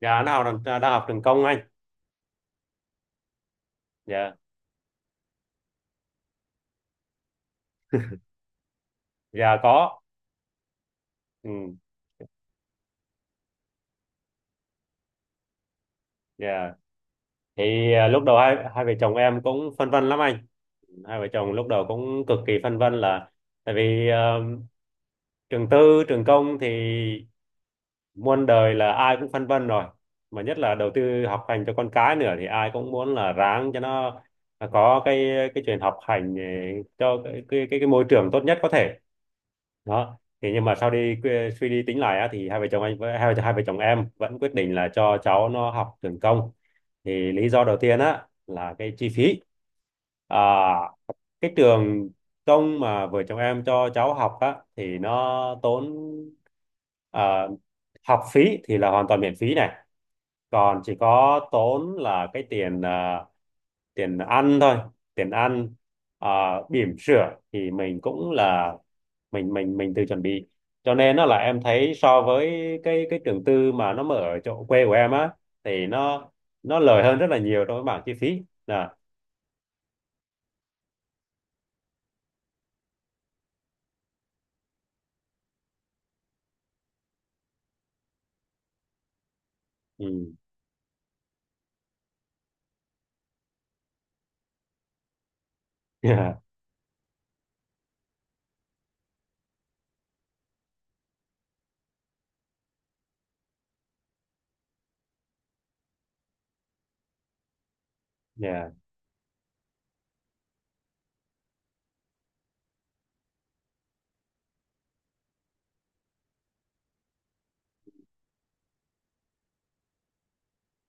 Dạ nó đang học trường công anh. Dạ. Dạ có. Ừ. Dạ thì lúc đầu hai hai vợ chồng em cũng phân vân lắm anh. Hai vợ chồng lúc đầu cũng cực kỳ phân vân là, tại vì trường tư trường công thì muôn đời là ai cũng phân vân rồi, mà nhất là đầu tư học hành cho con cái nữa thì ai cũng muốn là ráng cho nó có cái chuyện học hành, cho cái môi trường tốt nhất có thể đó. Thì nhưng mà sau đi suy đi tính lại á, thì hai vợ chồng anh với hai vợ chồng em vẫn quyết định là cho cháu nó học trường công. Thì lý do đầu tiên á là cái chi phí. à, cái trường công mà vợ chồng em cho cháu học á thì nó tốn, à, học phí thì là hoàn toàn miễn phí này, còn chỉ có tốn là cái tiền tiền ăn thôi. Tiền ăn, à, bỉm sữa thì mình cũng là mình tự chuẩn bị, cho nên nó là em thấy so với cái trường tư mà nó mở ở chỗ quê của em á thì nó lời hơn rất là nhiều trong cái bảng chi phí nè. Ừ. Yeah. Yeah,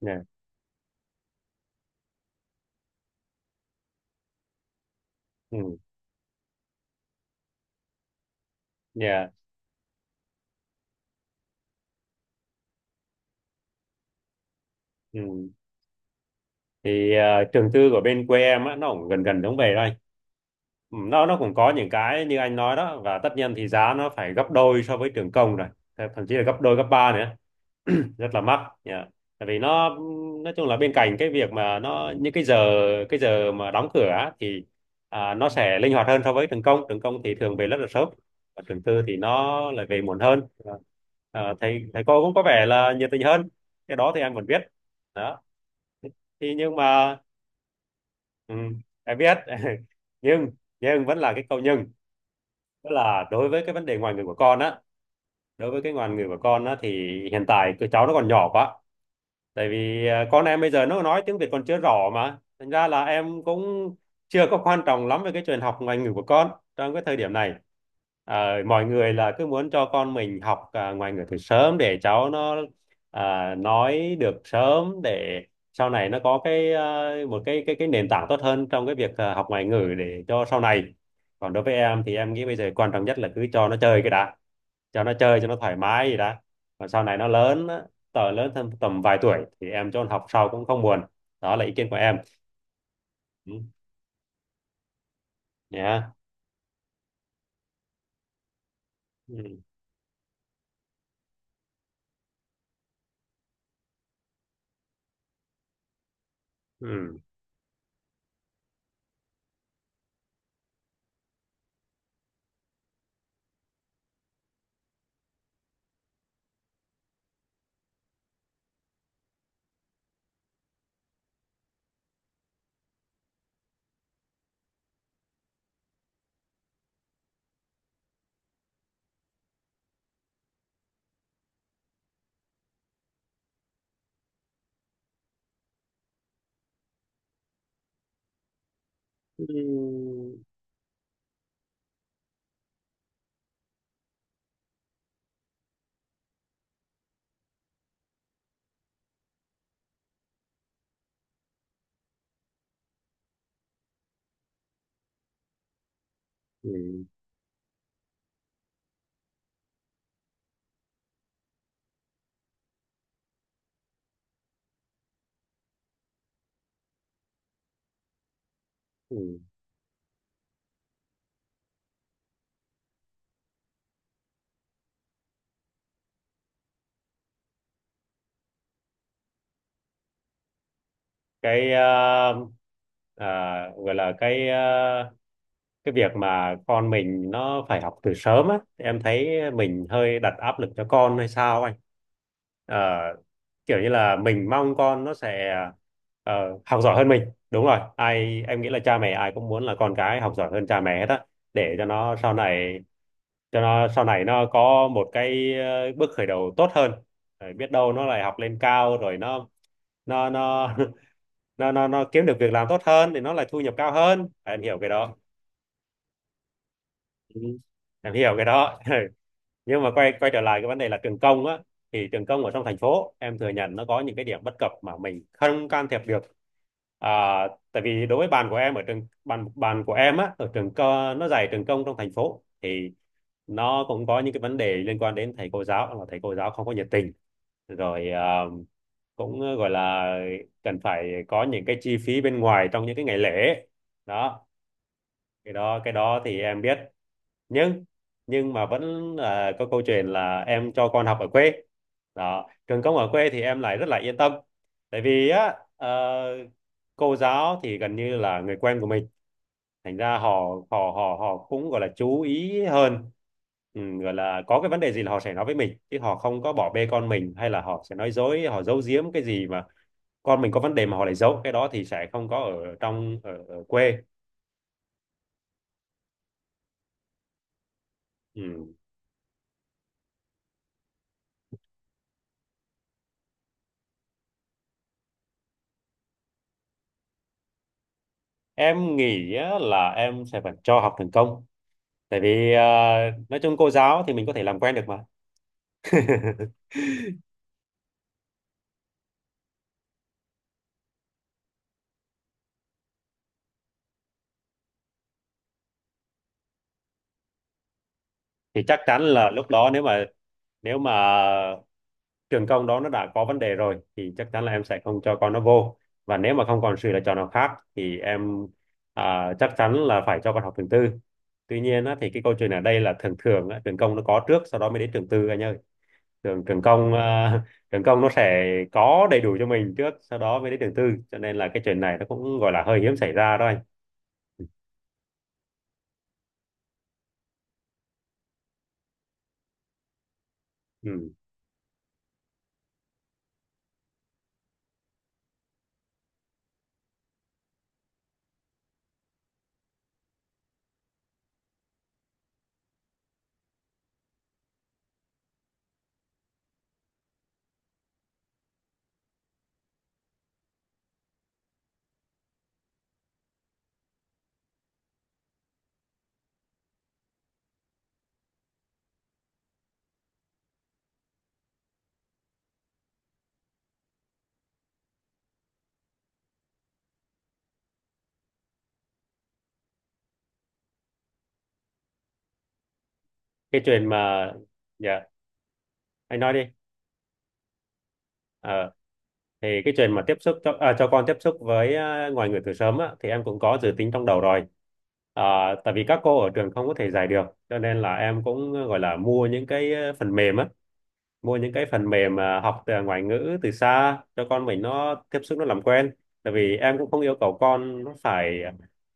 yeah. Ừ. Yeah. Ừ thì trường tư của bên quê em á nó cũng gần gần giống về thôi. Ừ, nó cũng có những cái như anh nói đó, và tất nhiên thì giá nó phải gấp đôi so với trường công rồi, thậm chí là gấp đôi gấp ba nữa, rất là mắc. Yeah. Tại vì nó nói chung là bên cạnh cái việc mà nó những cái giờ mà đóng cửa á, thì nó sẽ linh hoạt hơn so với trường công. Trường công thì thường về rất là sớm, và trường tư thì nó lại về muộn hơn. Thầy thầy cô cũng có vẻ là nhiệt tình hơn, cái đó thì em vẫn biết đó. Thì nhưng mà, ừ, em biết. nhưng nhưng vẫn là cái câu nhưng, tức là đối với cái vấn đề ngoại ngữ của con á, đối với cái ngoại ngữ của con á thì hiện tại tụi cháu nó còn nhỏ quá. Tại vì con em bây giờ nó nói tiếng Việt còn chưa rõ, mà thành ra là em cũng chưa có quan trọng lắm về cái chuyện học ngoại ngữ của con trong cái thời điểm này. Mọi người là cứ muốn cho con mình học ngoại ngữ từ sớm để cháu nó nói được sớm để sau này nó có cái một cái nền tảng tốt hơn trong cái việc học ngoại ngữ để cho sau này. Còn đối với em thì em nghĩ bây giờ quan trọng nhất là cứ cho nó chơi cái đã, cho nó chơi cho nó thoải mái gì đã. Còn sau này nó lớn, lớn thêm tầm vài tuổi thì em cho con học sau cũng không buồn. Đó là ý kiến của em. Ừ. Nhá. Ừ. Ừ. Ừ. Ừ. Ừ. Cái, gọi là cái, cái việc mà con mình nó phải học từ sớm á, em thấy mình hơi đặt áp lực cho con hay sao anh? Ờ, kiểu như là mình mong con nó sẽ, ờ, học giỏi hơn mình. Đúng rồi, ai em nghĩ là cha mẹ ai cũng muốn là con cái học giỏi hơn cha mẹ hết á, để cho nó sau này, cho nó sau này nó có một cái, bước khởi đầu tốt hơn. Rồi biết đâu nó lại học lên cao rồi nó, nó nó nó kiếm được việc làm tốt hơn thì nó lại thu nhập cao hơn, em hiểu cái đó. Ừ, em hiểu cái đó. Ừ. Nhưng mà quay quay trở lại cái vấn đề là trường công á, thì trường công ở trong thành phố em thừa nhận nó có những cái điểm bất cập mà mình không can thiệp được. à, tại vì đối với bàn của em ở trường, bàn bàn của em á ở trường co, nó dạy trường công trong thành phố, thì nó cũng có những cái vấn đề liên quan đến thầy cô giáo, là thầy cô giáo không có nhiệt tình, rồi cũng gọi là cần phải có những cái chi phí bên ngoài trong những cái ngày lễ đó. Cái đó thì em biết. nhưng nhưng mà vẫn là có câu chuyện là em cho con học ở quê đó. Trường công ở quê thì em lại rất là yên tâm. Tại vì á, cô giáo thì gần như là người quen của mình, thành ra họ, họ cũng gọi là chú ý hơn. Ừ, gọi là có cái vấn đề gì là họ sẽ nói với mình, chứ họ không có bỏ bê con mình, hay là họ sẽ nói dối, họ giấu giếm cái gì mà con mình có vấn đề mà họ lại giấu, cái đó thì sẽ không có ở trong ở quê. Ừ. Em nghĩ á, là em sẽ phải cho học trường công. Tại vì nói chung cô giáo thì mình có thể làm quen được mà. Thì chắc chắn là lúc đó, nếu mà trường công đó nó đã có vấn đề rồi, thì chắc chắn là em sẽ không cho con nó vô. Và nếu mà không còn sự lựa chọn nào khác thì em, chắc chắn là phải cho con học trường tư. Tuy nhiên á, thì cái câu chuyện ở đây là thường thường á, trường công nó có trước, sau đó mới đến trường tư anh ơi. Trường Trường công, trường công nó sẽ có đầy đủ cho mình trước, sau đó mới đến trường tư, cho nên là cái chuyện này nó cũng gọi là hơi hiếm xảy ra đó anh. Ừ. Cái chuyện mà, dạ, anh nói đi. Ờ, thì cái chuyện mà tiếp xúc cho, cho con tiếp xúc với, ngoại ngữ từ sớm á, thì em cũng có dự tính trong đầu rồi. à, tại vì các cô ở trường không có thể dạy được, cho nên là em cũng gọi là mua những cái, phần mềm á, mua những cái phần mềm mà học từ ngoại ngữ từ xa cho con mình nó tiếp xúc nó làm quen. Tại vì em cũng không yêu cầu con nó phải,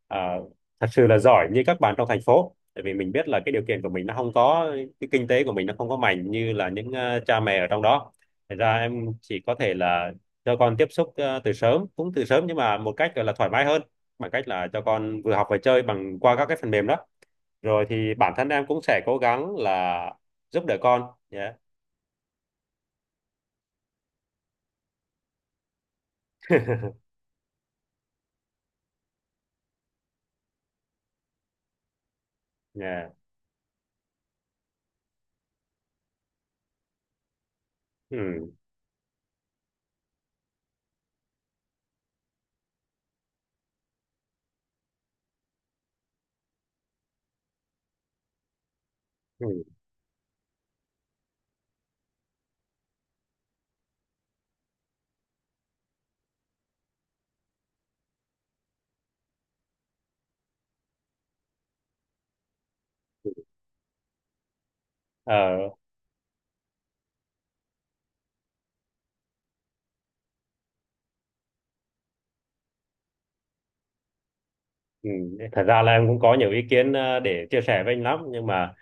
à, thật sự là giỏi như các bạn trong thành phố, tại vì mình biết là cái điều kiện của mình nó không có, cái kinh tế của mình nó không có mạnh như là những, cha mẹ ở trong đó. Thật ra em chỉ có thể là cho con tiếp xúc, từ sớm, cũng từ sớm nhưng mà một cách gọi là thoải mái hơn, bằng cách là cho con vừa học vừa chơi bằng qua các cái phần mềm đó. Rồi thì bản thân em cũng sẽ cố gắng là giúp đỡ con. Yeah. Yeah. Ừ. Ừ. Ừ. Ờ. Ừ. Thật ra là em cũng có nhiều ý kiến, để chia sẻ với anh lắm, nhưng mà,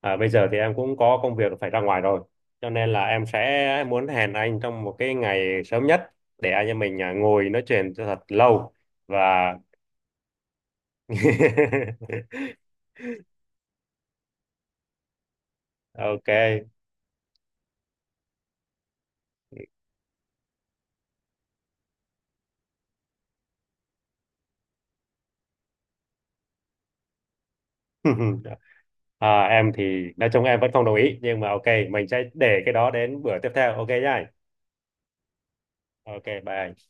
bây giờ thì em cũng có công việc phải ra ngoài rồi, cho nên là em sẽ muốn hẹn anh trong một cái ngày sớm nhất, để anh em mình, ngồi nói chuyện cho thật lâu, và ok. À, em thì nói chung em vẫn không đồng ý, nhưng mà ok, mình sẽ để cái đó đến bữa tiếp theo, ok nhá anh? Ok bye anh.